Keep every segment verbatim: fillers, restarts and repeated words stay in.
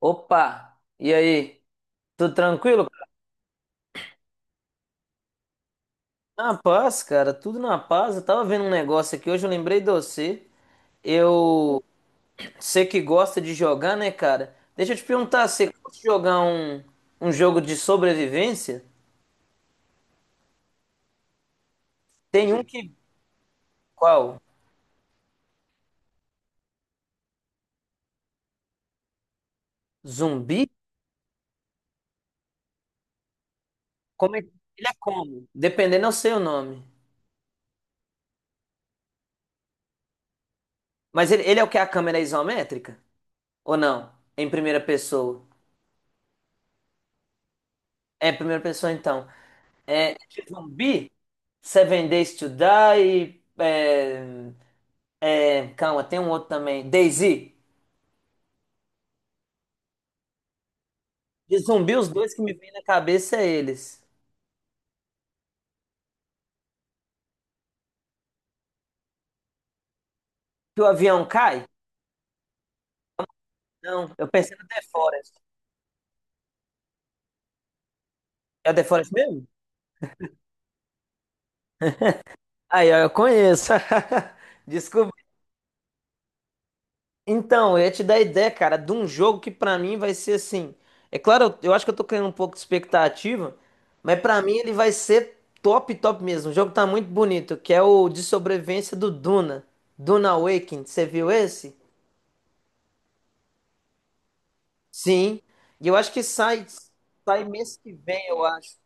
Opa! E aí? Tudo tranquilo? Na paz, cara, tudo na paz. Eu tava vendo um negócio aqui hoje, eu lembrei de você. Eu sei que gosta de jogar, né, cara? Deixa eu te perguntar, você gosta de jogar um, um jogo de sobrevivência? Tem um que. Qual? Zumbi? Como é... Ele é como? Dependendo, eu sei o nome. Mas ele, ele é o que? A câmera é isométrica? Ou não? Em primeira pessoa? É, em primeira pessoa então. É, zumbi? Seven Days to Die. É, é, calma, tem um outro também. DayZ. De zumbi, os dois que me vêm na cabeça é eles. Que o avião cai? Não, eu pensei no The Forest. É o The Forest mesmo? Aí, ó, eu conheço. Descobri. Então, eu ia te dar ideia, cara, de um jogo que pra mim vai ser assim. É claro, eu eu acho que eu tô criando um pouco de expectativa, mas pra mim ele vai ser top, top mesmo. O jogo tá muito bonito, que é o de sobrevivência do Duna. Duna Awakening, você viu esse? Sim. E eu acho que sai, sai mês que vem, eu acho.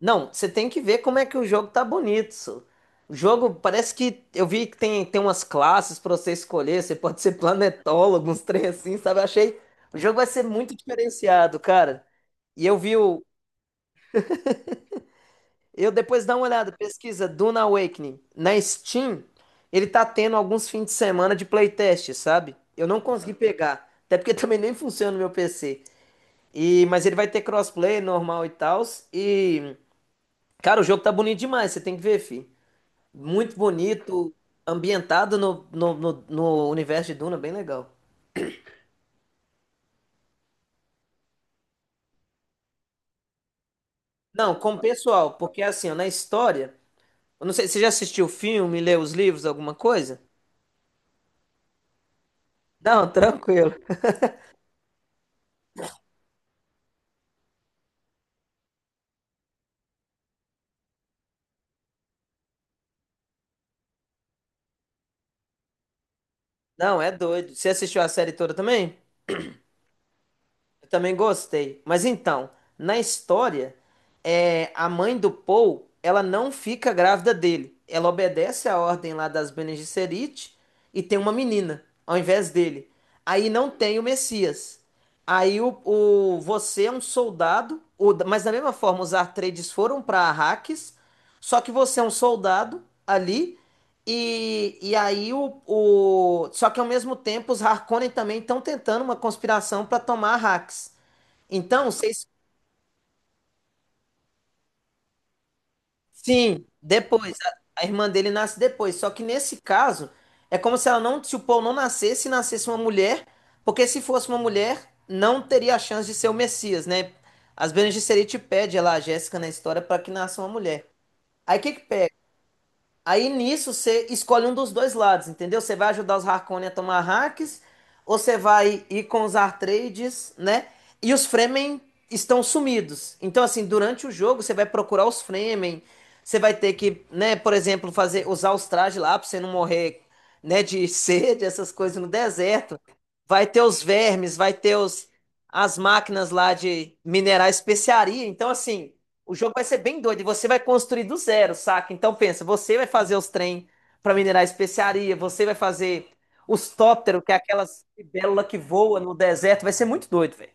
Não, você tem que ver como é que o jogo tá bonito, só. O jogo parece que eu vi que tem, tem umas classes pra você escolher. Você pode ser planetólogo, uns trem assim, sabe? Eu achei. O jogo vai ser muito diferenciado, cara. E eu vi o. Eu depois dá uma olhada, pesquisa Duna Awakening. Na Steam, ele tá tendo alguns fins de semana de playtest, sabe? Eu não consegui pegar. Até porque também nem funciona no meu P C. E, mas ele vai ter crossplay normal e tal. E. Cara, o jogo tá bonito demais, você tem que ver, fi. Muito bonito, ambientado no, no, no, no universo de Duna, bem legal. Não, como pessoal, porque assim, ó, na história, eu não sei, você já assistiu o filme, leu os livros, alguma coisa? Não, tranquilo. Não, é doido. Você assistiu a série toda também? Eu também gostei. Mas então, na história, é, a mãe do Paul, ela não fica grávida dele. Ela obedece a ordem lá das Bene Gesserit e tem uma menina ao invés dele. Aí não tem o Messias. Aí o, o- você é um soldado, o- mas da mesma forma os Atreides foram para Arrakis, só que você é um soldado ali e, e aí o, o- Só que ao mesmo tempo os Harkonnen também estão tentando uma conspiração para tomar Arrakis. Então, vocês. Sim, depois. A, a irmã dele nasce depois. Só que nesse caso, é como se ela não. Se o Paul não nascesse e nascesse uma mulher. Porque se fosse uma mulher, não teria a chance de ser o Messias, né? As Bene Gesserit pede ela, a Jéssica, na história, para que nasça uma mulher. Aí o que que pede? Aí nisso você escolhe um dos dois lados, entendeu? Você vai ajudar os Harkonnen a tomar hacks, ou você vai ir com os Atreides, né? E os Fremen estão sumidos. Então, assim, durante o jogo você vai procurar os Fremen, você vai ter que, né, por exemplo, fazer usar os trajes lá pra você não morrer, né, de sede, essas coisas no deserto. Vai ter os vermes, vai ter os, as máquinas lá de minerar especiaria. Então, assim, o jogo vai ser bem doido e você vai construir do zero, saca? Então pensa, você vai fazer os trem para minerar especiaria, você vai fazer os tópteros, que é aquelas libélula que voa no deserto, vai ser muito doido, velho.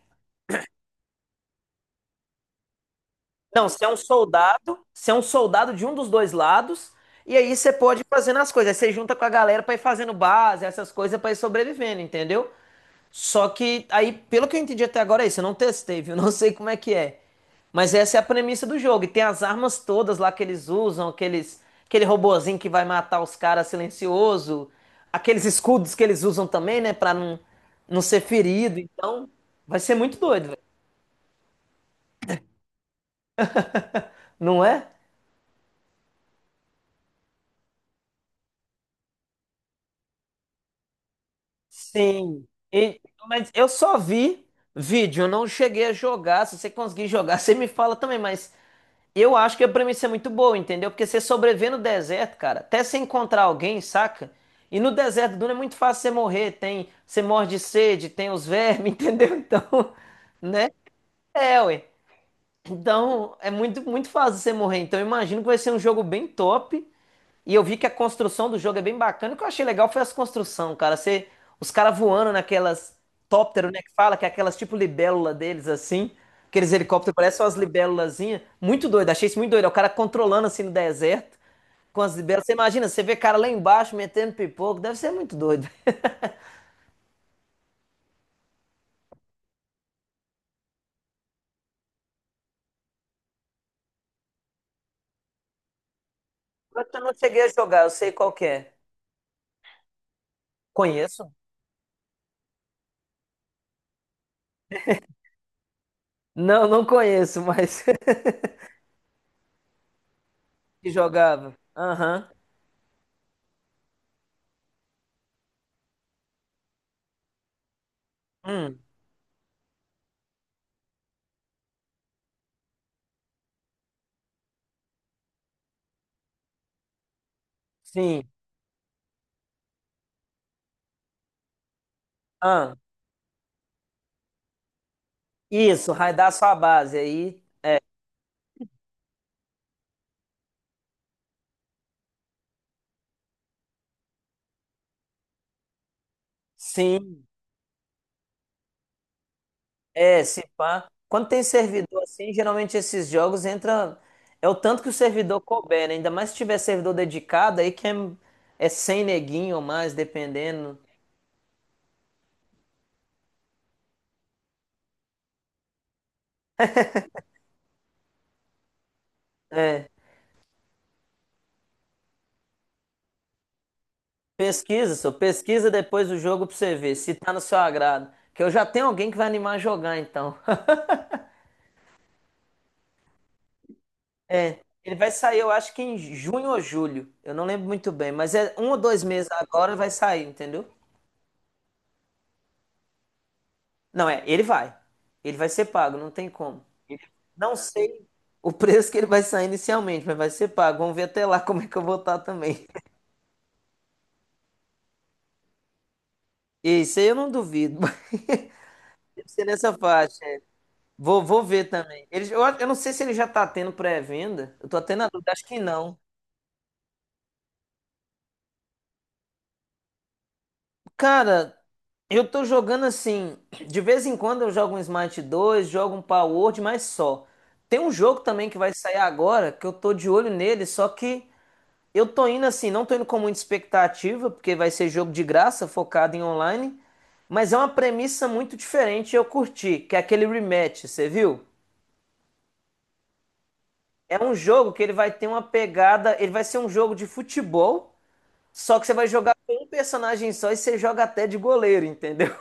Não, você é um soldado, você é um soldado de um dos dois lados, e aí você pode ir fazendo as coisas. Aí você junta com a galera para ir fazendo base, essas coisas para ir sobrevivendo, entendeu? Só que aí, pelo que eu entendi até agora, é isso. Eu não testei, viu? Não sei como é que é. Mas essa é a premissa do jogo. E tem as armas todas lá que eles usam, aqueles, aquele robozinho que vai matar os caras silencioso, aqueles escudos que eles usam também, né, pra não não ser ferido. Então, vai ser muito doido, velho. Não é? Sim. E- mas eu só vi vídeo, eu não cheguei a jogar. Se você conseguir jogar, você me fala também, mas eu acho que a premissa é muito boa, entendeu? Porque você sobreviver no deserto, cara, até você encontrar alguém, saca? E no deserto do Duna é muito fácil você morrer, tem, você morre de sede, tem os vermes, entendeu? Então, né? É, ué. Então, é muito, muito fácil você morrer. Então, eu imagino que vai ser um jogo bem top e eu vi que a construção do jogo é bem bacana. O que eu achei legal foi as construções, cara. Você, os caras voando naquelas tóptero, né? Que fala que é aquelas tipo libélula deles, assim. Aqueles helicópteros parecem umas libélulazinhas. Muito doido, achei isso muito doido. É, o cara controlando assim no deserto com as libélulas. Você imagina, você vê cara lá embaixo metendo pipoco. Deve ser muito doido. Eu não cheguei a jogar, eu sei qual que é. Conheço? Não, não conheço, mas que jogava. Aham. Hum, sim. Ah, isso, raidar sua base aí. Sim. É, se pá. Quando tem servidor assim, geralmente esses jogos entra. É o tanto que o servidor couber, né? Ainda mais se tiver servidor dedicado, aí que é, é cem neguinho ou mais, dependendo. É. Pesquisa, só pesquisa depois do jogo pra você ver se tá no seu agrado. Que eu já tenho alguém que vai animar a jogar, então. É. Ele vai sair, eu acho que em junho ou julho. Eu não lembro muito bem, mas é um ou dois meses agora vai sair, entendeu? Não, é, ele vai. Ele vai ser pago, não tem como. Não sei o preço que ele vai sair inicialmente, mas vai ser pago. Vamos ver até lá como é que eu vou estar também. E isso aí eu não duvido, mas deve ser nessa faixa. É. Vou, vou ver também. Ele, eu, acho- eu não sei se ele já tá tendo pré-venda. Eu tô até na dúvida, acho que não. Cara, eu tô jogando assim. De vez em quando eu jogo um Smite dois, jogo um Power Word, mas só. Tem um jogo também que vai sair agora que eu tô de olho nele, só que. Eu tô indo assim, não tô indo com muita expectativa, porque vai ser jogo de graça, focado em online, mas é uma premissa muito diferente e eu curti, que é aquele rematch, você viu? É um jogo que ele vai ter uma pegada, ele vai ser um jogo de futebol, só que você vai jogar com um personagem só e você joga até de goleiro, entendeu?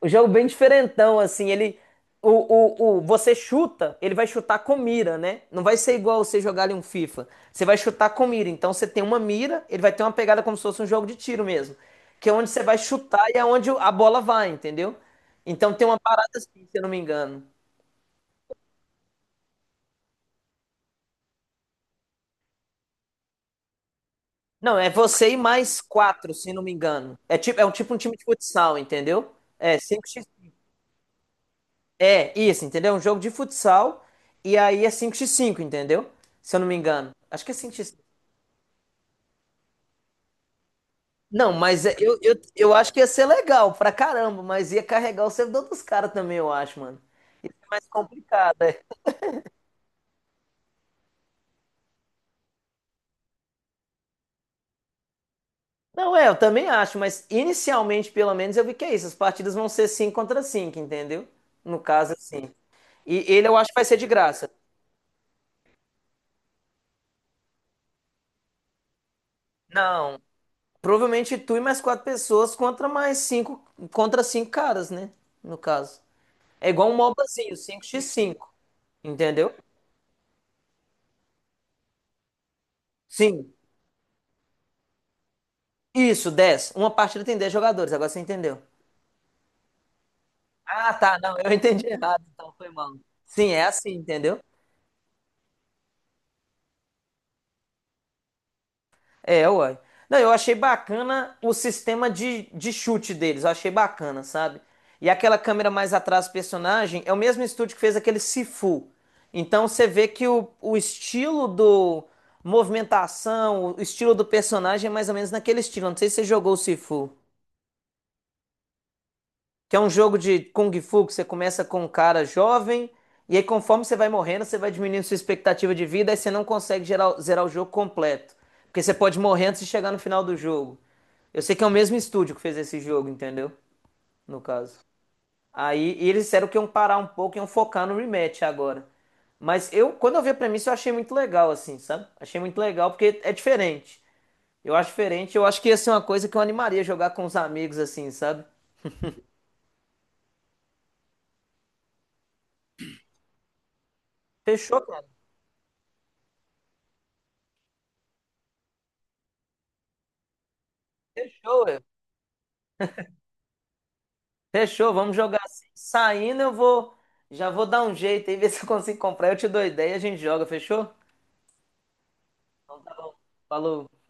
O jogo bem diferentão, assim, ele. O, o, o, você chuta, ele vai chutar com mira, né? Não vai ser igual você jogar ali um FIFA. Você vai chutar com mira. Então você tem uma mira, ele vai ter uma pegada como se fosse um jogo de tiro mesmo. Que é onde você vai chutar e é onde a bola vai, entendeu? Então tem uma parada assim, se eu não me engano. Não, é você e mais quatro, se eu não me engano. É tipo, é um tipo um time de futsal, entendeu? É cinco x. É isso, entendeu? É um jogo de futsal e aí é cinco x cinco, entendeu? Se eu não me engano. Acho que é cinco x cinco. Não, mas é- eu, eu, eu acho que ia ser legal pra caramba, mas ia carregar o servidor dos caras também, eu acho, mano. Isso é mais complicado, é. Não, é, eu também acho, mas inicialmente, pelo menos, eu vi que é isso. As partidas vão ser cinco contra cinco, entendeu? No caso, assim. E ele eu acho que vai ser de graça. Não, provavelmente tu e mais quatro pessoas contra mais cinco, contra cinco caras, né? No caso. É igual um MOBAzinho, cinco x cinco, entendeu? Sim. Isso, dez. Uma partida tem dez jogadores, agora você entendeu. Ah, tá, não, eu entendi errado, então foi mal. Sim, é assim, entendeu? É, uai. Não, eu achei bacana o sistema de, de chute deles, eu achei bacana, sabe? E aquela câmera mais atrás do personagem é o mesmo estúdio que fez aquele Sifu. Então você vê que o, o estilo do movimentação, o estilo do personagem é mais ou menos naquele estilo. Não sei se você jogou o Sifu. Que é um jogo de Kung Fu que você começa com um cara jovem, e aí conforme você vai morrendo, você vai diminuindo sua expectativa de vida, aí você não consegue gerar- zerar o jogo completo. Porque você pode morrer antes de chegar no final do jogo. Eu sei que é o mesmo estúdio que fez esse jogo, entendeu? No caso. Aí e eles disseram que iam parar um pouco e iam focar no rematch agora. Mas eu, quando eu vi a premissa, eu achei muito legal, assim, sabe? Achei muito legal porque é diferente. Eu acho diferente, eu acho que ia ser uma coisa que eu animaria jogar com os amigos, assim, sabe? Fechou, cara. Fechou, ué. Fechou, vamos jogar assim. Saindo, eu vou. Já vou dar um jeito aí, ver se eu consigo comprar. Eu te dou ideia e a gente joga, fechou? Então tá bom. Falou.